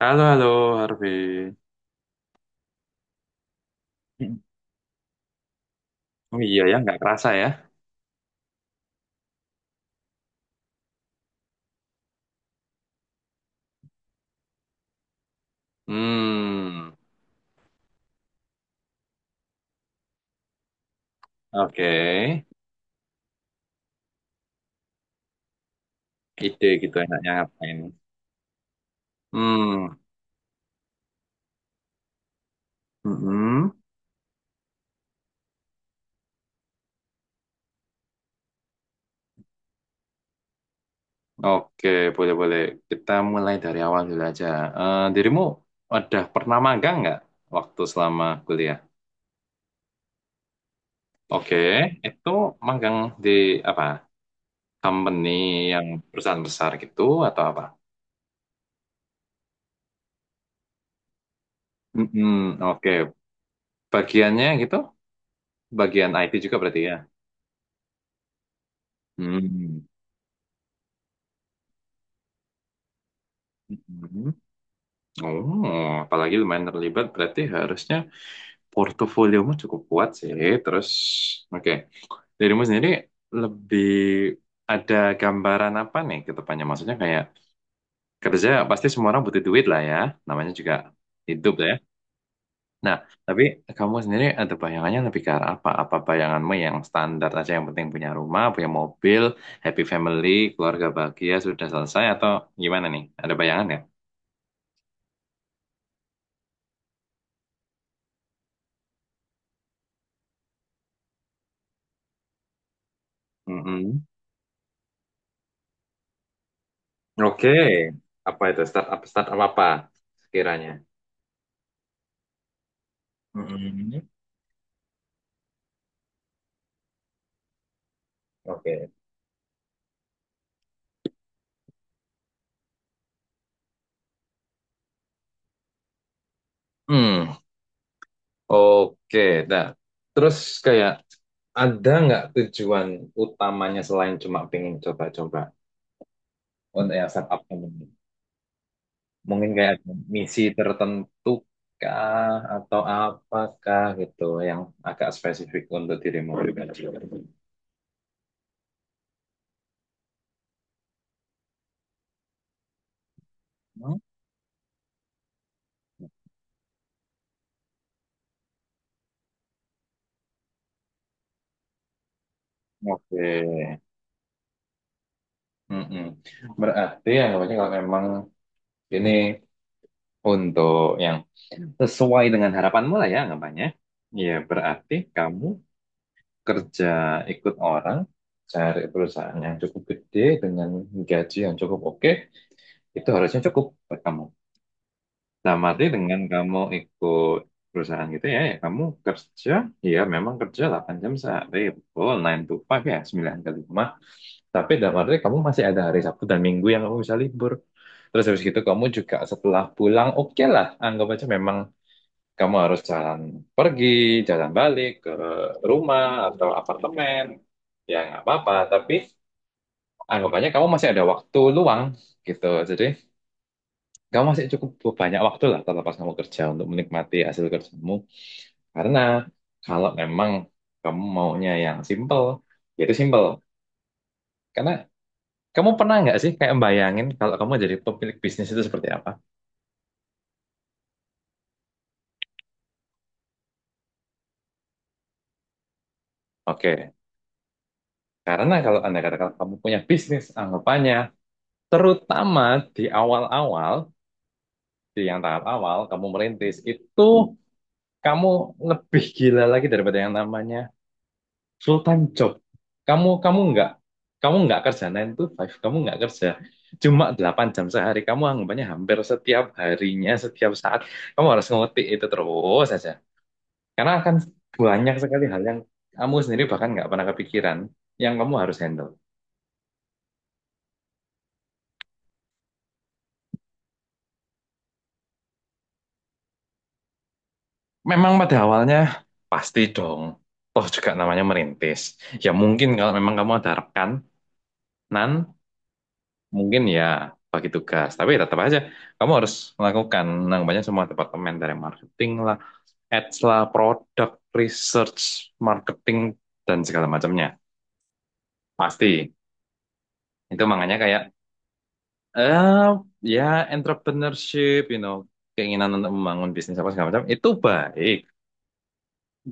Halo, halo, Harvey. Oh iya ya, nggak kerasa ya. Hmm, oke. Ide gitu enaknya ngapain. Hmm, mm-mm. Oke, boleh-boleh. Kita mulai dari awal dulu aja. Dirimu udah pernah magang nggak waktu selama kuliah? Oke, itu magang di apa? Company yang perusahaan besar gitu atau apa? Mm-mm, oke. Bagiannya gitu? Bagian IT juga berarti ya? Hmm. Mm-mm. Oh, apalagi lumayan terlibat, berarti harusnya portofoliomu cukup kuat sih. Terus, oke, dirimu sendiri lebih ada gambaran apa nih ke depannya? Maksudnya kayak kerja pasti semua orang butuh duit lah ya, namanya juga hidup lah ya. Nah, tapi kamu sendiri ada bayangannya lebih ke arah apa? Apa bayanganmu yang standar aja yang penting punya rumah, punya mobil, happy family, keluarga bahagia sudah selesai atau gimana nih? Ada bayangan ya? Oke, apa itu startup startup apa sekiranya? Mm-mm. Oke. Hmm, oke. Nah, terus kayak ada nggak tujuan utamanya selain cuma pengen coba-coba untuk yang startup ini? Mungkin kayak ada misi tertentu kah atau apakah gitu yang agak spesifik untuk dirimu pribadi? Hmm, oke. Mm-mm. Berarti yang namanya kalau memang ini untuk yang sesuai dengan harapanmu lah ya anggapannya. Ya, berarti kamu kerja ikut orang, cari perusahaan yang cukup gede dengan gaji yang cukup oke, itu harusnya cukup buat kamu. Dalam arti dengan kamu ikut perusahaan gitu ya, ya kamu kerja, ya memang kerja 8 jam sehari, betul, nine to five ya, 9 ke 5. Tapi dalam arti kamu masih ada hari Sabtu dan Minggu yang kamu bisa libur. Terus habis gitu kamu juga setelah pulang, oke lah, anggap aja memang kamu harus jalan pergi, jalan balik ke rumah atau apartemen. Ya nggak apa-apa, tapi anggapannya kamu masih ada waktu luang gitu. Jadi kamu masih cukup banyak waktu lah terlepas kamu kerja untuk menikmati hasil kerjamu. Karena kalau memang kamu maunya yang simple, ya itu simple. Karena kamu pernah nggak sih kayak bayangin kalau kamu jadi pemilik bisnis itu seperti apa? Oke, karena kalau anda katakan kamu punya bisnis, anggapannya terutama di awal-awal, di yang tahap awal kamu merintis, itu kamu lebih gila lagi daripada yang namanya full-time job. Kamu kamu nggak kerja 9 to 5, kamu nggak kerja cuma 8 jam sehari. Kamu anggapannya hampir setiap harinya, setiap saat kamu harus ngetik itu terus saja. Karena akan banyak sekali hal yang kamu sendiri bahkan nggak pernah kepikiran yang kamu harus handle. Memang pada awalnya pasti dong. Toh juga namanya merintis. Ya mungkin kalau memang kamu ada rekanan, mungkin ya bagi tugas. Tapi tetap aja kamu harus melakukan namanya semua departemen dari marketing lah, ads lah, produk, research, marketing dan segala macamnya. Pasti. Itu makanya kayak eh ya entrepreneurship, keinginan untuk membangun bisnis apa segala macam itu baik.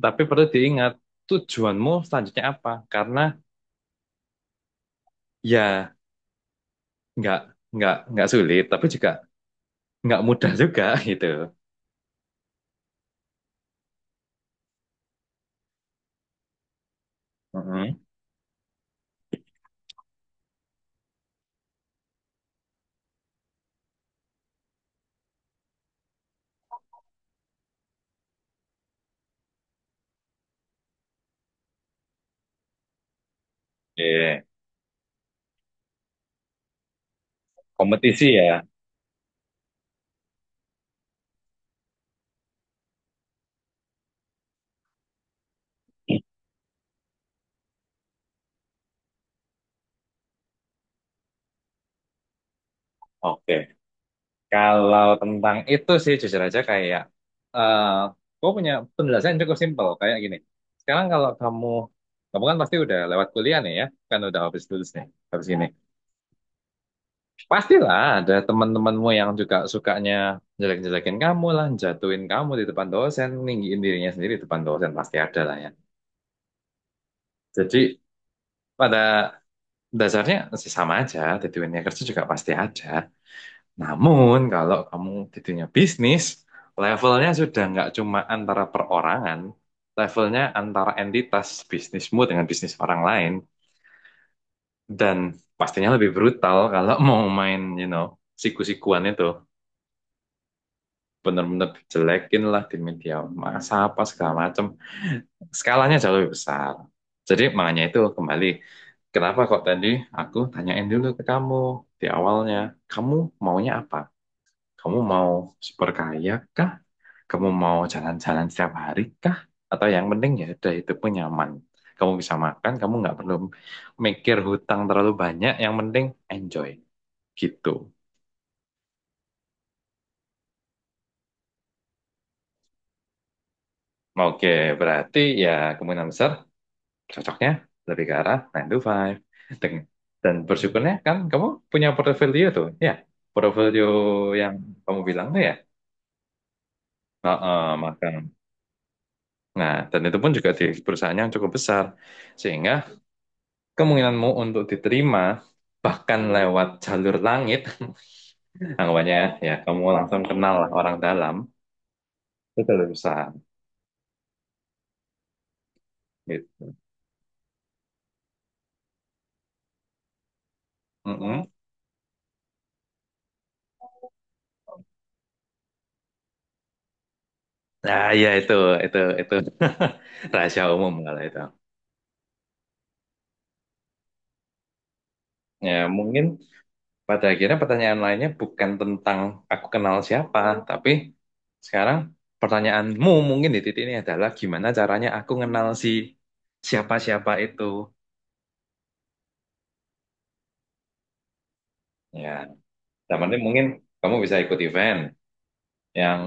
Tapi perlu diingat tujuanmu selanjutnya apa? Karena ya nggak nggak sulit tapi juga nggak mudah juga gitu Mhm. Oke. Kompetisi ya. Oke. Kalau tentang itu sih jujur aja kayak eh gue punya penjelasan yang cukup simpel kayak gini. Sekarang kalau kamu kamu kan pasti udah lewat kuliah nih ya, kan udah habis lulus nih, habis ini. Pastilah ada teman-temanmu yang juga sukanya jelek-jelekin kamu lah, jatuhin kamu di depan dosen, ninggiin dirinya sendiri di depan dosen pasti ada lah ya. Jadi pada dasarnya sih sama aja, t 2 nya kerja juga pasti ada. Namun kalau kamu t 2 nya bisnis, levelnya sudah nggak cuma antara perorangan, levelnya antara entitas bisnismu dengan bisnis orang lain. Dan pastinya lebih brutal kalau mau main, siku-sikuan itu. Bener-bener dijelekin lah di media massa apa segala macam. Skalanya jauh lebih besar. Jadi makanya itu kembali. Kenapa kok tadi aku tanyain dulu ke kamu di awalnya, kamu maunya apa? Kamu mau super kaya kah? Kamu mau jalan-jalan setiap hari kah? Atau yang penting ya udah hidupmu nyaman. Kamu bisa makan, kamu nggak perlu mikir hutang terlalu banyak. Yang penting enjoy. Gitu. Oke, berarti ya kemungkinan besar cocoknya lebih ke arah 9 to five. Dan, dan bersyukurnya kan kamu punya portfolio tuh. Ya, portfolio yang kamu bilang tuh ya. Heeh, makan. Nah, dan itu pun juga di perusahaan yang cukup besar. Sehingga kemungkinanmu untuk diterima bahkan lewat jalur langit, anggapannya ya kamu langsung kenal lah orang dalam, itu lebih besar gitu. Mm-mm. Nah, ya itu rahasia umum kalau itu. Ya, mungkin pada akhirnya pertanyaan lainnya bukan tentang aku kenal siapa, tapi sekarang pertanyaanmu mungkin di titik ini adalah gimana caranya aku kenal si siapa-siapa itu. Ya, dalam arti mungkin kamu bisa ikut event yang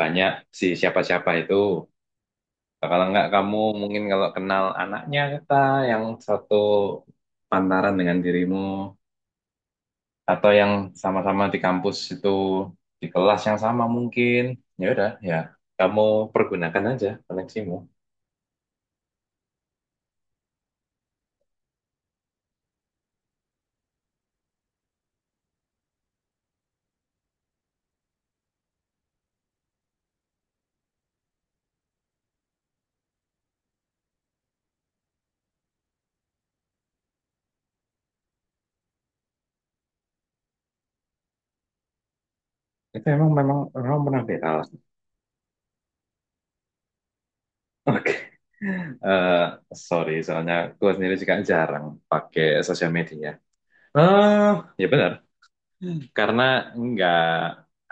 banyak si siapa-siapa itu. Nah, kalau enggak kamu mungkin kalau kenal anaknya kita yang satu pantaran dengan dirimu, atau yang sama-sama di kampus itu di kelas yang sama mungkin ya udah ya kamu pergunakan aja koneksimu itu memang orang pernah di kelas. Oke. Eh, Sorry soalnya gue sendiri juga jarang pakai sosial media eh ya benar karena nggak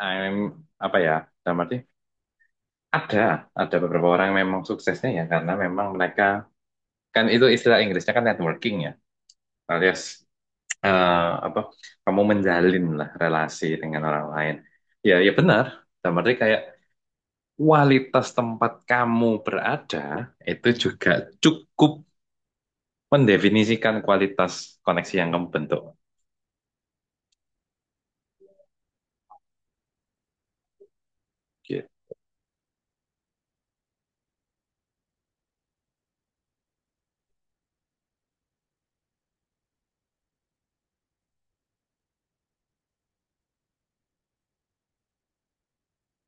I'm apa ya dalam arti ada ada beberapa orang yang memang suksesnya ya karena memang mereka kan itu istilah Inggrisnya kan networking ya alias eh, apa kamu menjalin lah relasi dengan orang lain. Ya, ya benar. Dan berarti kayak kualitas tempat kamu berada itu juga cukup mendefinisikan kualitas koneksi yang kamu bentuk. Gitu.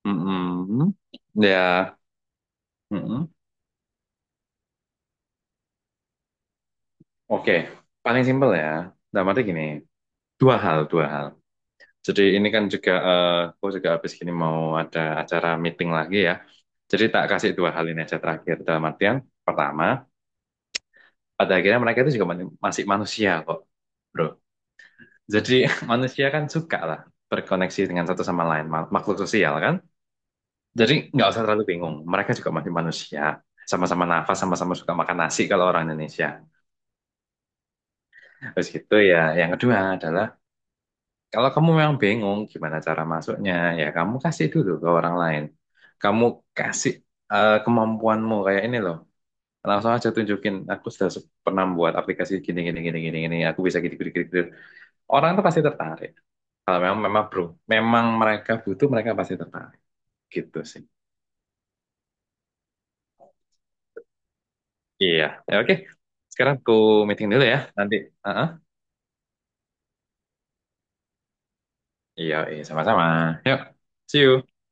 Mm-mm. Ya, mm-mm. Oke. Paling simpel ya. Dan berarti gini, dua hal, dua hal. Jadi ini kan juga, aku juga habis gini mau ada acara meeting lagi ya. Jadi tak kasih dua hal ini aja terakhir. Dalam artian, pertama, pada akhirnya mereka itu juga masih manusia kok, bro. Jadi manusia kan suka lah berkoneksi dengan satu sama lain, makhluk sosial kan. Jadi nggak usah terlalu bingung, mereka juga masih manusia. Sama-sama nafas, sama-sama suka makan nasi kalau orang Indonesia. Terus gitu ya, yang kedua adalah, kalau kamu memang bingung gimana cara masuknya, ya kamu kasih dulu ke orang lain. Kamu kasih kemampuanmu kayak ini loh. Langsung aja tunjukin, aku sudah pernah buat aplikasi gini, gini, gini, gini, gini. Aku bisa gini, gini, gini, gini. Orang tuh pasti tertarik. Kalau memang memang bro, memang mereka butuh, mereka pasti tertarik. Gitu sih. Iya. Ya, oke. Sekarang aku meeting dulu ya. Nanti. uh Iya, iya, sama-sama. Yuk. See you.